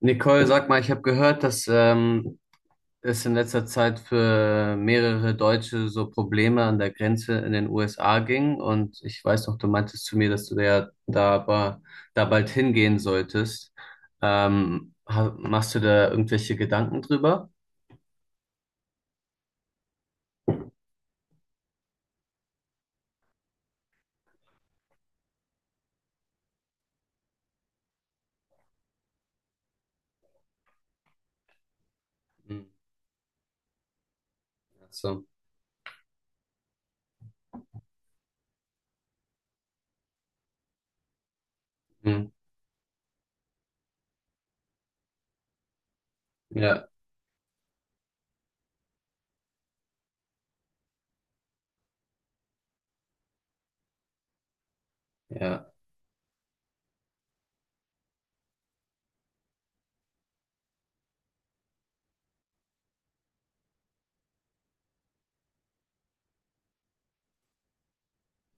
Nicole, sag mal, ich habe gehört, dass es in letzter Zeit für mehrere Deutsche so Probleme an der Grenze in den USA ging. Und ich weiß noch, du meintest zu mir, dass du da, ja da, da bald hingehen solltest. Machst du da irgendwelche Gedanken drüber? Hm, ach so. Hm, ja, ja.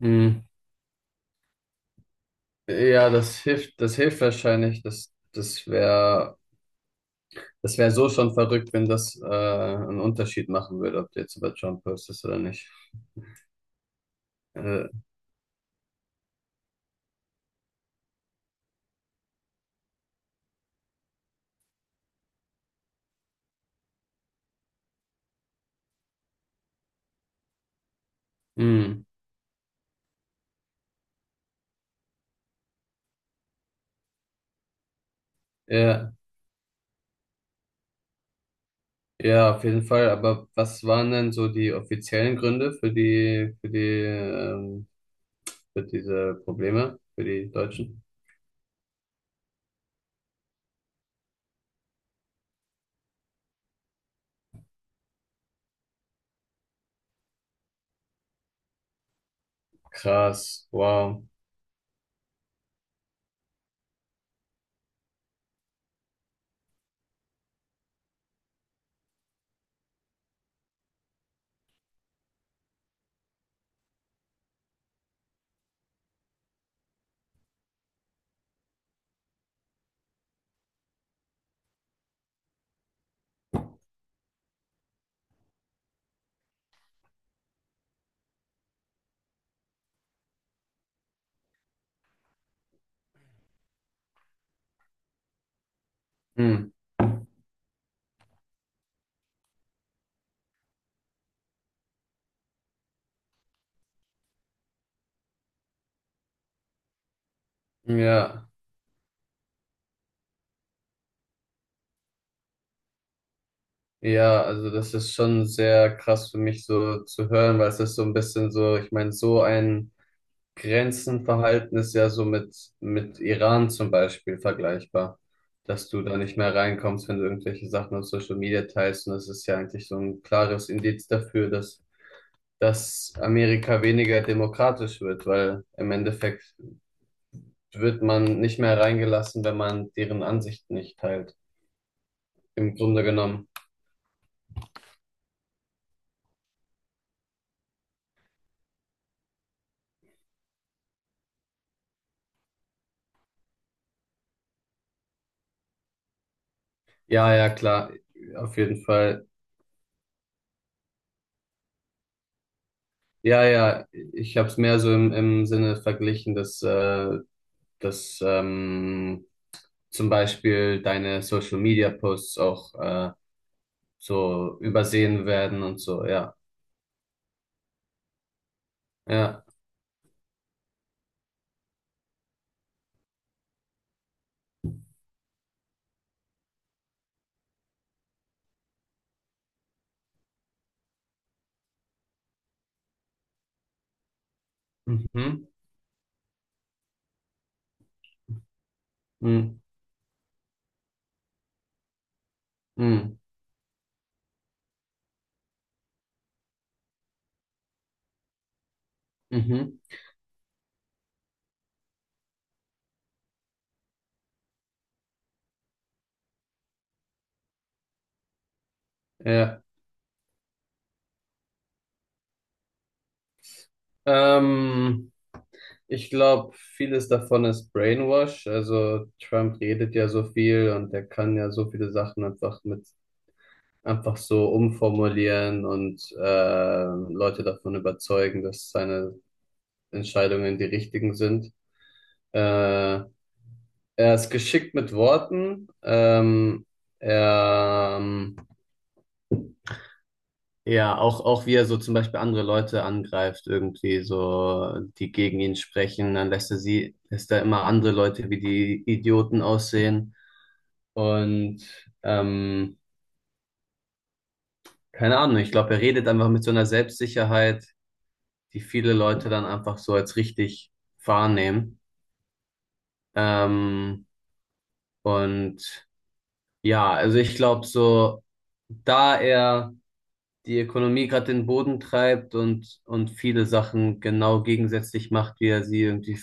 Hm. Ja, das hilft wahrscheinlich. Das wäre so schon verrückt, wenn das einen Unterschied machen würde, ob du jetzt über Trump postest oder nicht. Äh, hm, ja, ja, auf jeden Fall. Aber was waren denn so die offiziellen Gründe für diese Probleme für die Deutschen? Krass, wow. Hm, ja, ja, also das ist schon sehr krass für mich so zu hören, weil es ist so ein bisschen so, ich meine, so ein Grenzen verhalten ist ja so mit Iran zum Beispiel vergleichbar, dass du da nicht mehr reinkommst, wenn du irgendwelche Sachen auf Social Media teilst. Und das ist ja eigentlich so ein klares Indiz dafür, dass Amerika weniger demokratisch wird, weil im Endeffekt wird man nicht mehr reingelassen, wenn man deren Ansichten nicht teilt. Im Grunde genommen. Ja, ja, klar, auf jeden Fall. Ja, ja, ich habe es mehr so im Sinne verglichen, dass zum Beispiel deine Social Media Posts auch so übersehen werden und so, ja. Ja. Mhm. Mhm. Mhm. Mhm. Ja. Ähm, Ich glaube, vieles davon ist Brainwash. Also Trump redet ja so viel und er kann ja so viele Sachen einfach so umformulieren und Leute davon überzeugen, dass seine Entscheidungen die richtigen sind. Äh, Er ist geschickt mit Worten. Er, ähm, ja, auch, auch wie er so zum Beispiel andere Leute angreift, irgendwie so, die gegen ihn sprechen, dann lässt er immer andere Leute wie die Idioten aussehen. Und ähm, Keine Ahnung, ich glaube, er redet einfach mit so einer Selbstsicherheit, die viele Leute dann einfach so als richtig wahrnehmen. Ähm, und ja, also ich glaube so, da er die Ökonomie gerade den Boden treibt und viele Sachen genau gegensätzlich macht, wie er sie irgendwie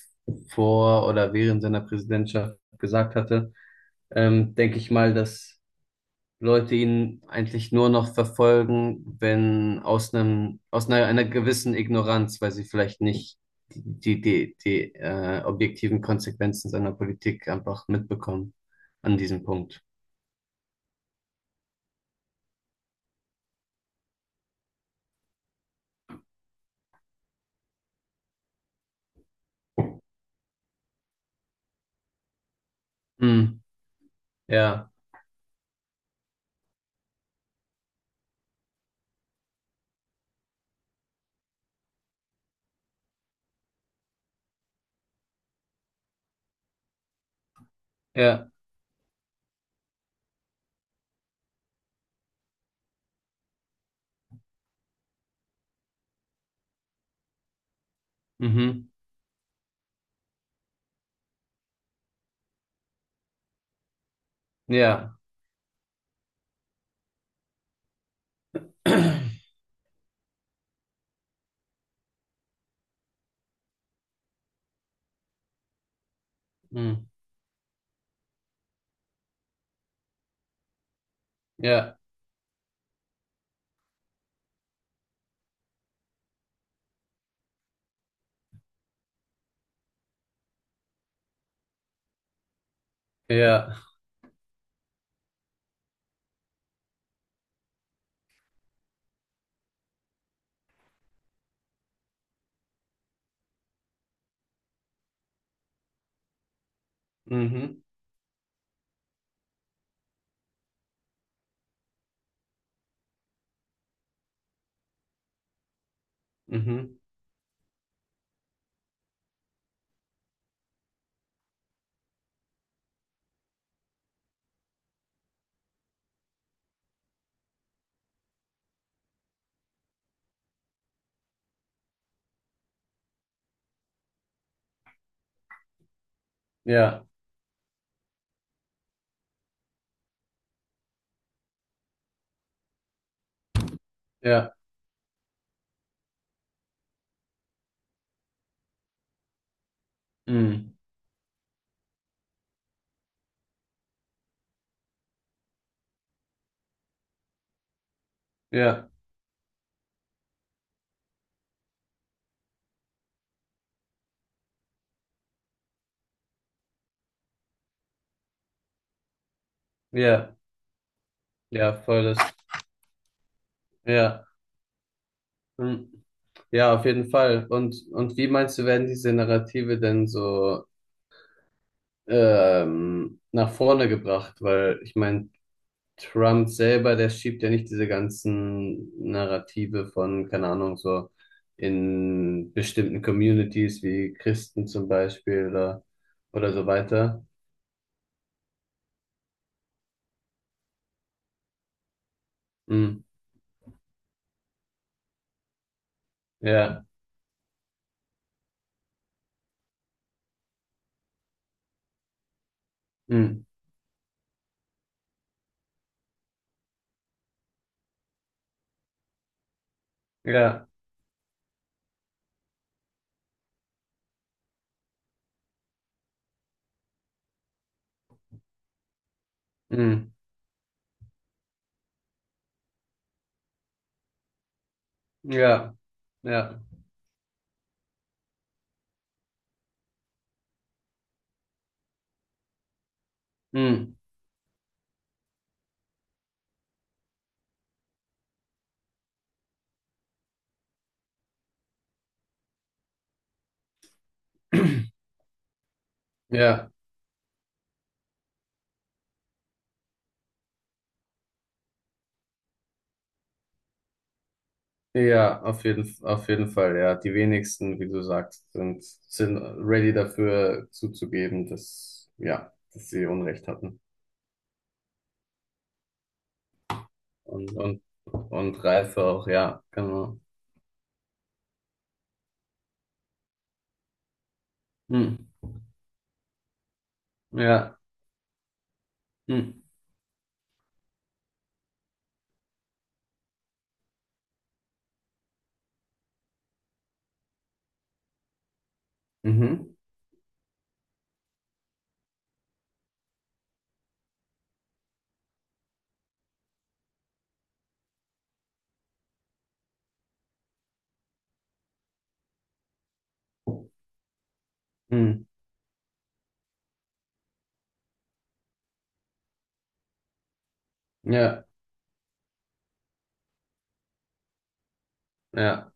vor oder während seiner Präsidentschaft gesagt hatte, denke ich mal, dass Leute ihn eigentlich nur noch verfolgen, wenn aus einer gewissen Ignoranz, weil sie vielleicht nicht die objektiven Konsequenzen seiner Politik einfach mitbekommen an diesem Punkt. Hm, ja, ja, mhm, ja, hm, ja. Ja. Mhm. Mhm. Ja. Ja. Mhm. Ja. Ja. Ja, voll das. Ja. Mhm. Ja, auf jeden Fall. Und wie meinst du, werden diese Narrative denn so nach vorne gebracht? Weil ich meine, Trump selber, der schiebt ja nicht diese ganzen Narrative von, keine Ahnung, so in bestimmten Communities wie Christen zum Beispiel oder so weiter. Mhm. Ja. Mhm. Ja. Mhm. Ja, ja. Hm. Ja, ja, auf jeden Fall, ja. Die wenigsten, wie du sagst, sind ready dafür zuzugeben, ja, dass sie Unrecht hatten. Und, und, und Reife auch, ja, genau. Hm. Ja. Hm. Mhm. Hm. Ja, ja.